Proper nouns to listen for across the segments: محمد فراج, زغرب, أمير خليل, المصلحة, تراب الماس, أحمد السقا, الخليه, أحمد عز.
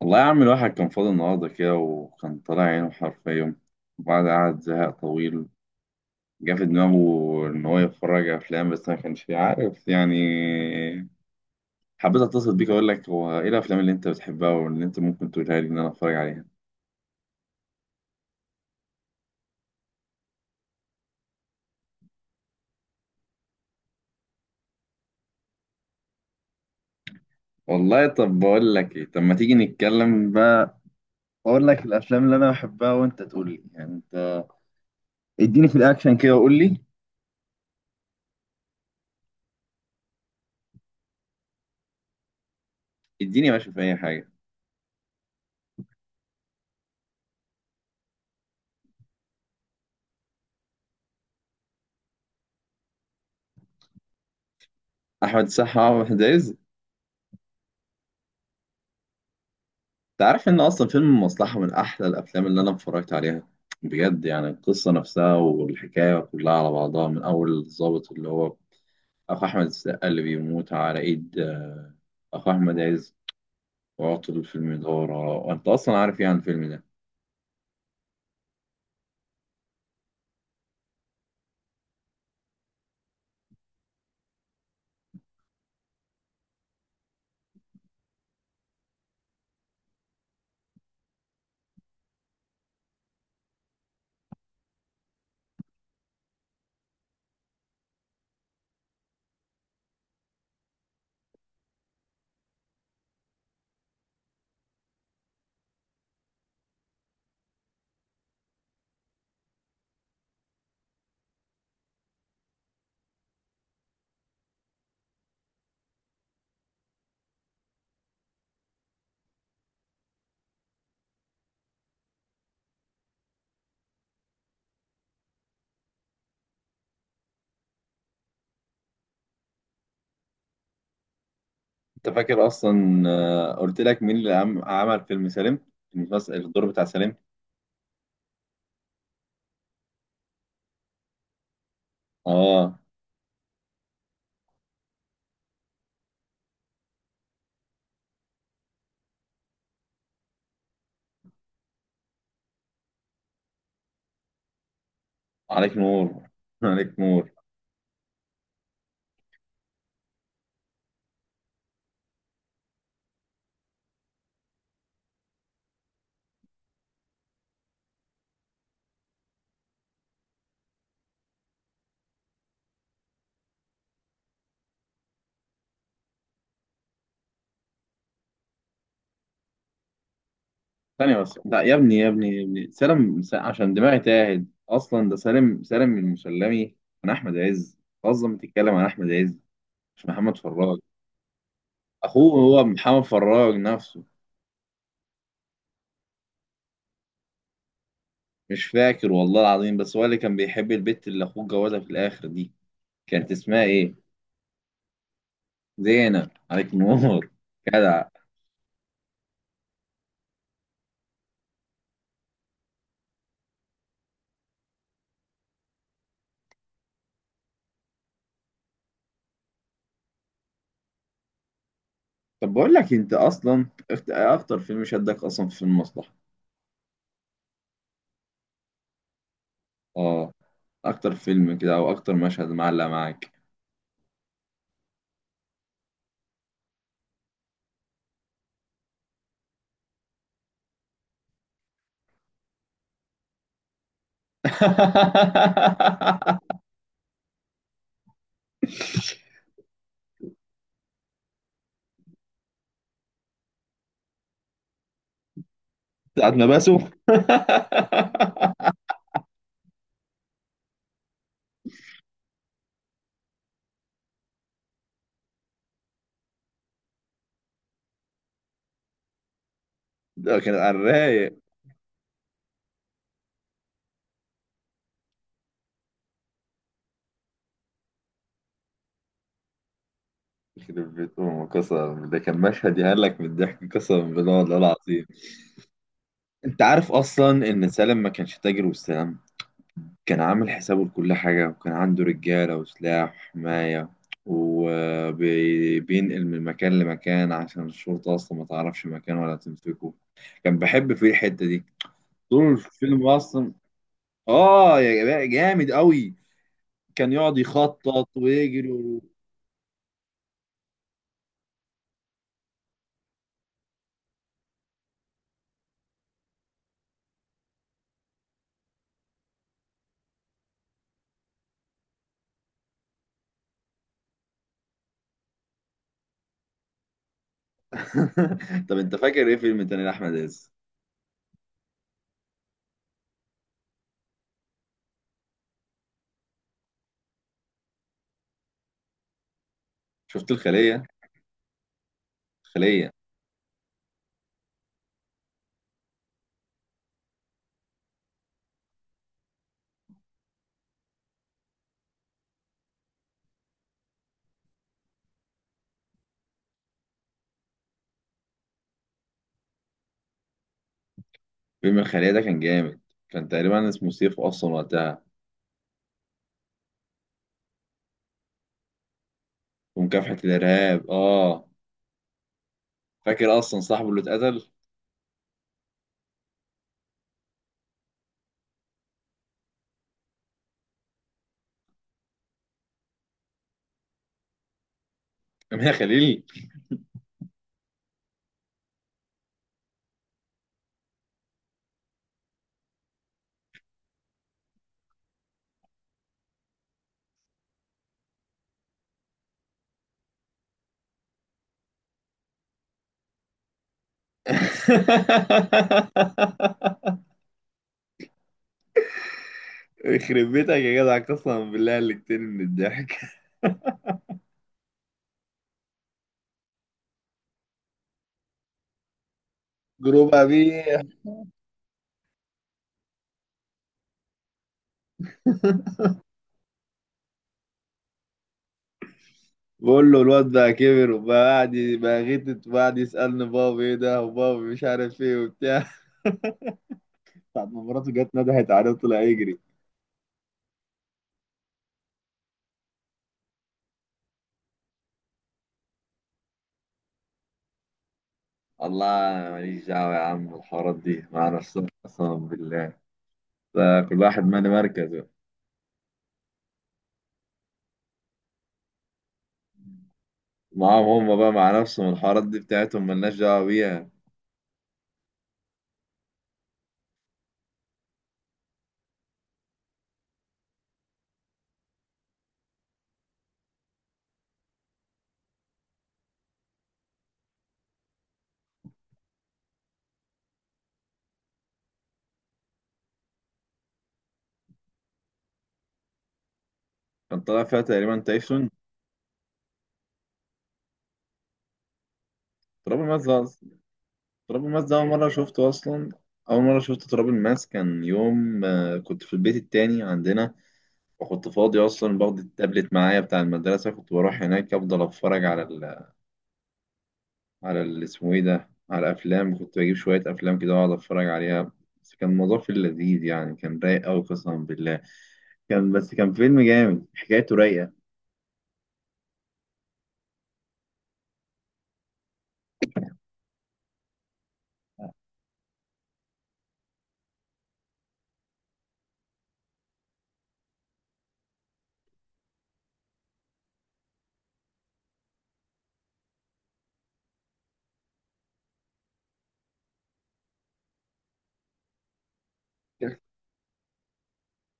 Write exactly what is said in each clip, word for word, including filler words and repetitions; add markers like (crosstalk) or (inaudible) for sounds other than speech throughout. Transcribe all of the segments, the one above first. والله يا عم الواحد كان فاضي النهاردة كده، وكان طالع عينه حرفيا. وبعد قعد زهق طويل جه في دماغه إن هو يتفرج على أفلام، بس ما كانش عارف يعني. حبيت أتصل بيك أقول لك هو إيه الأفلام اللي أنت بتحبها واللي أنت ممكن تقولها لي إن أنا أتفرج عليها. والله طب بقول لك إيه، طب ما تيجي نتكلم بقى، أقول لك الأفلام اللي أنا بحبها وأنت تقول لي يعني أنت. اديني في الأكشن كده وقول لي. اديني يا باشا في أي حاجة. أحمد السقا وأحمد عز. تعرف ان اصلا فيلم المصلحة من احلى الافلام اللي انا اتفرجت عليها بجد، يعني القصة نفسها والحكاية كلها على بعضها من اول الضابط اللي هو اخو احمد السقا اللي بيموت على ايد آه، اخو احمد عز وعطل في المدارة، وانت اصلا عارف يعني الفيلم ده. انت فاكر اصلا آه، قلت لك مين اللي عم- عمل فيلم سالم، المسلسل الدور بتاع سالم؟ اه، عليك نور (laughs) عليك نور. ثانية بس، لا يا ابني يا ابني يا ابني، سالم س- عشان دماغي تاهت، اصلا ده سالم، سالم المسلمي من احمد عز، اصلا بتتكلم عن احمد عز مش محمد فراج. اخوه هو محمد فراج نفسه. مش فاكر والله العظيم، بس هو اللي كان بيحب البت اللي اخوه جوازها في الاخر دي، كانت اسمها ايه؟ زينب، عليك نور (laughs) جدع. طب بقول لك انت اصلا اكت- اكتر فيلم شدك اصلا في المصلحة؟ اه، اكتر فيلم كده او اكتر مشهد معلق معاك؟ (laughs) ساعة ما بسوا (laughs) ده كان على الرايق. يخرب بيت أمه قسما، ده كان مشهد يهلك من الضحك قسما بالله والله العظيم. أنت عارف أصلا إن سالم ما كانش تاجر والسلام، كان عامل حسابه لكل حاجة، وكان عنده رجالة وسلاح وحماية، وبينقل من مكان لمكان عشان الشرطة أصلا ما تعرفش مكان ولا تمسكه. كان بحب فيه الحتة دي طول الفيلم أصلا. آه يا جماعة جامد أوي، كان يقعد يخطط ويجري. (laughs) طب انت فاكر ايه فيلم تاني لاحمد عز؟ شفت الخليه؟ الخليه. فيلم الخليه ده كان جامد، كان تقريبا اسمه سيف اصلا وقتها، ومكافحه الارهاب، اه. فاكر اصلا صاحبه اللي اتقتل؟ امير خليل. (laughs) يخرب بيتك يا جدع قسما بالله اللي كتير من الضحك. جروب ابيه. بقول له الواد بقى كبر وبقى قاعد ي- بقى غتت وقاعد يسالني بابا ايه ده، وبابا مش عارف ايه وبتاع. (laughs) ساعة ما مراته جت ندهت عليه وطلع يجري. الله، أنا ماليش دعوة يا عم، الحوارات دي مع نفسهم قسما بالله، ده كل واحد مالي مركزه. معاهم هم بقى مع نفسهم، الحوارات دي بتاعتهم مالناش دعوة بيها. كان طالع فيها تقريبا تايسون. تراب الماس ده أصلا، تراب الماس ده أول مرة شفته أصلا، أول مرة شفت تراب الماس كان يوم آه، كنت في البيت التاني عندنا، وكنت فاضي أصلا، باخد التابلت معايا بتاع المدرسة، كنت بروح هناك أفضل أتفرج على، على ال- اسمه ايه ده، على افلام، كنت بجيب شويه افلام كده واقعد اتفرج عليها. بس كان الموضوع في اللذيذ يعني، كان رايق قوي قسما بالله، كان، بس كان فيلم جامد حكايته رايقه.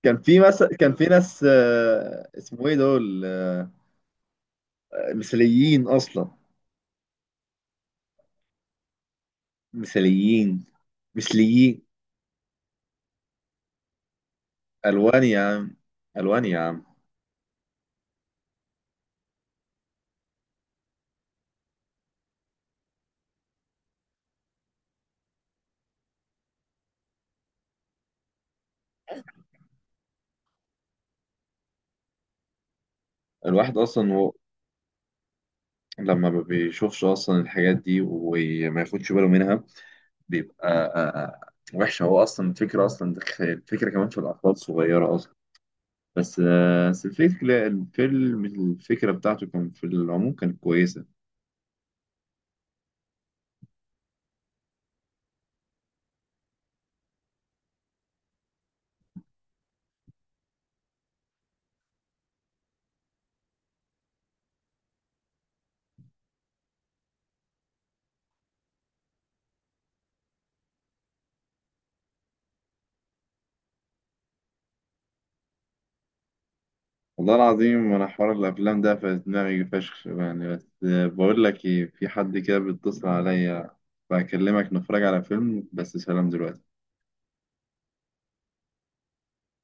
كان في مثلا كان في ناس آه، اسمه ايه دول، آه، مثاليين اصلا، مثاليين، مثليين. الوان يا عم، الوان يا عم. الواحد اصلا و... لما ما بيشوفش اصلا الحاجات دي وما ياخدش باله منها، بيبقى آه، وحش. هو اصلا الفكره اصلا دخ- الفكره كمان في الاطفال الصغيره اصلا. بس آه، بس الفكره الفيلم الفكره بتاعته كان في العموم كانت كويسه. والله العظيم انا حوار الافلام ده في دماغي فشخ يعني، بس آه، بقول لك ايه، في حد كده بيتصل عليا، بكلمك نتفرج على فيلم، بس سلام دلوقتي.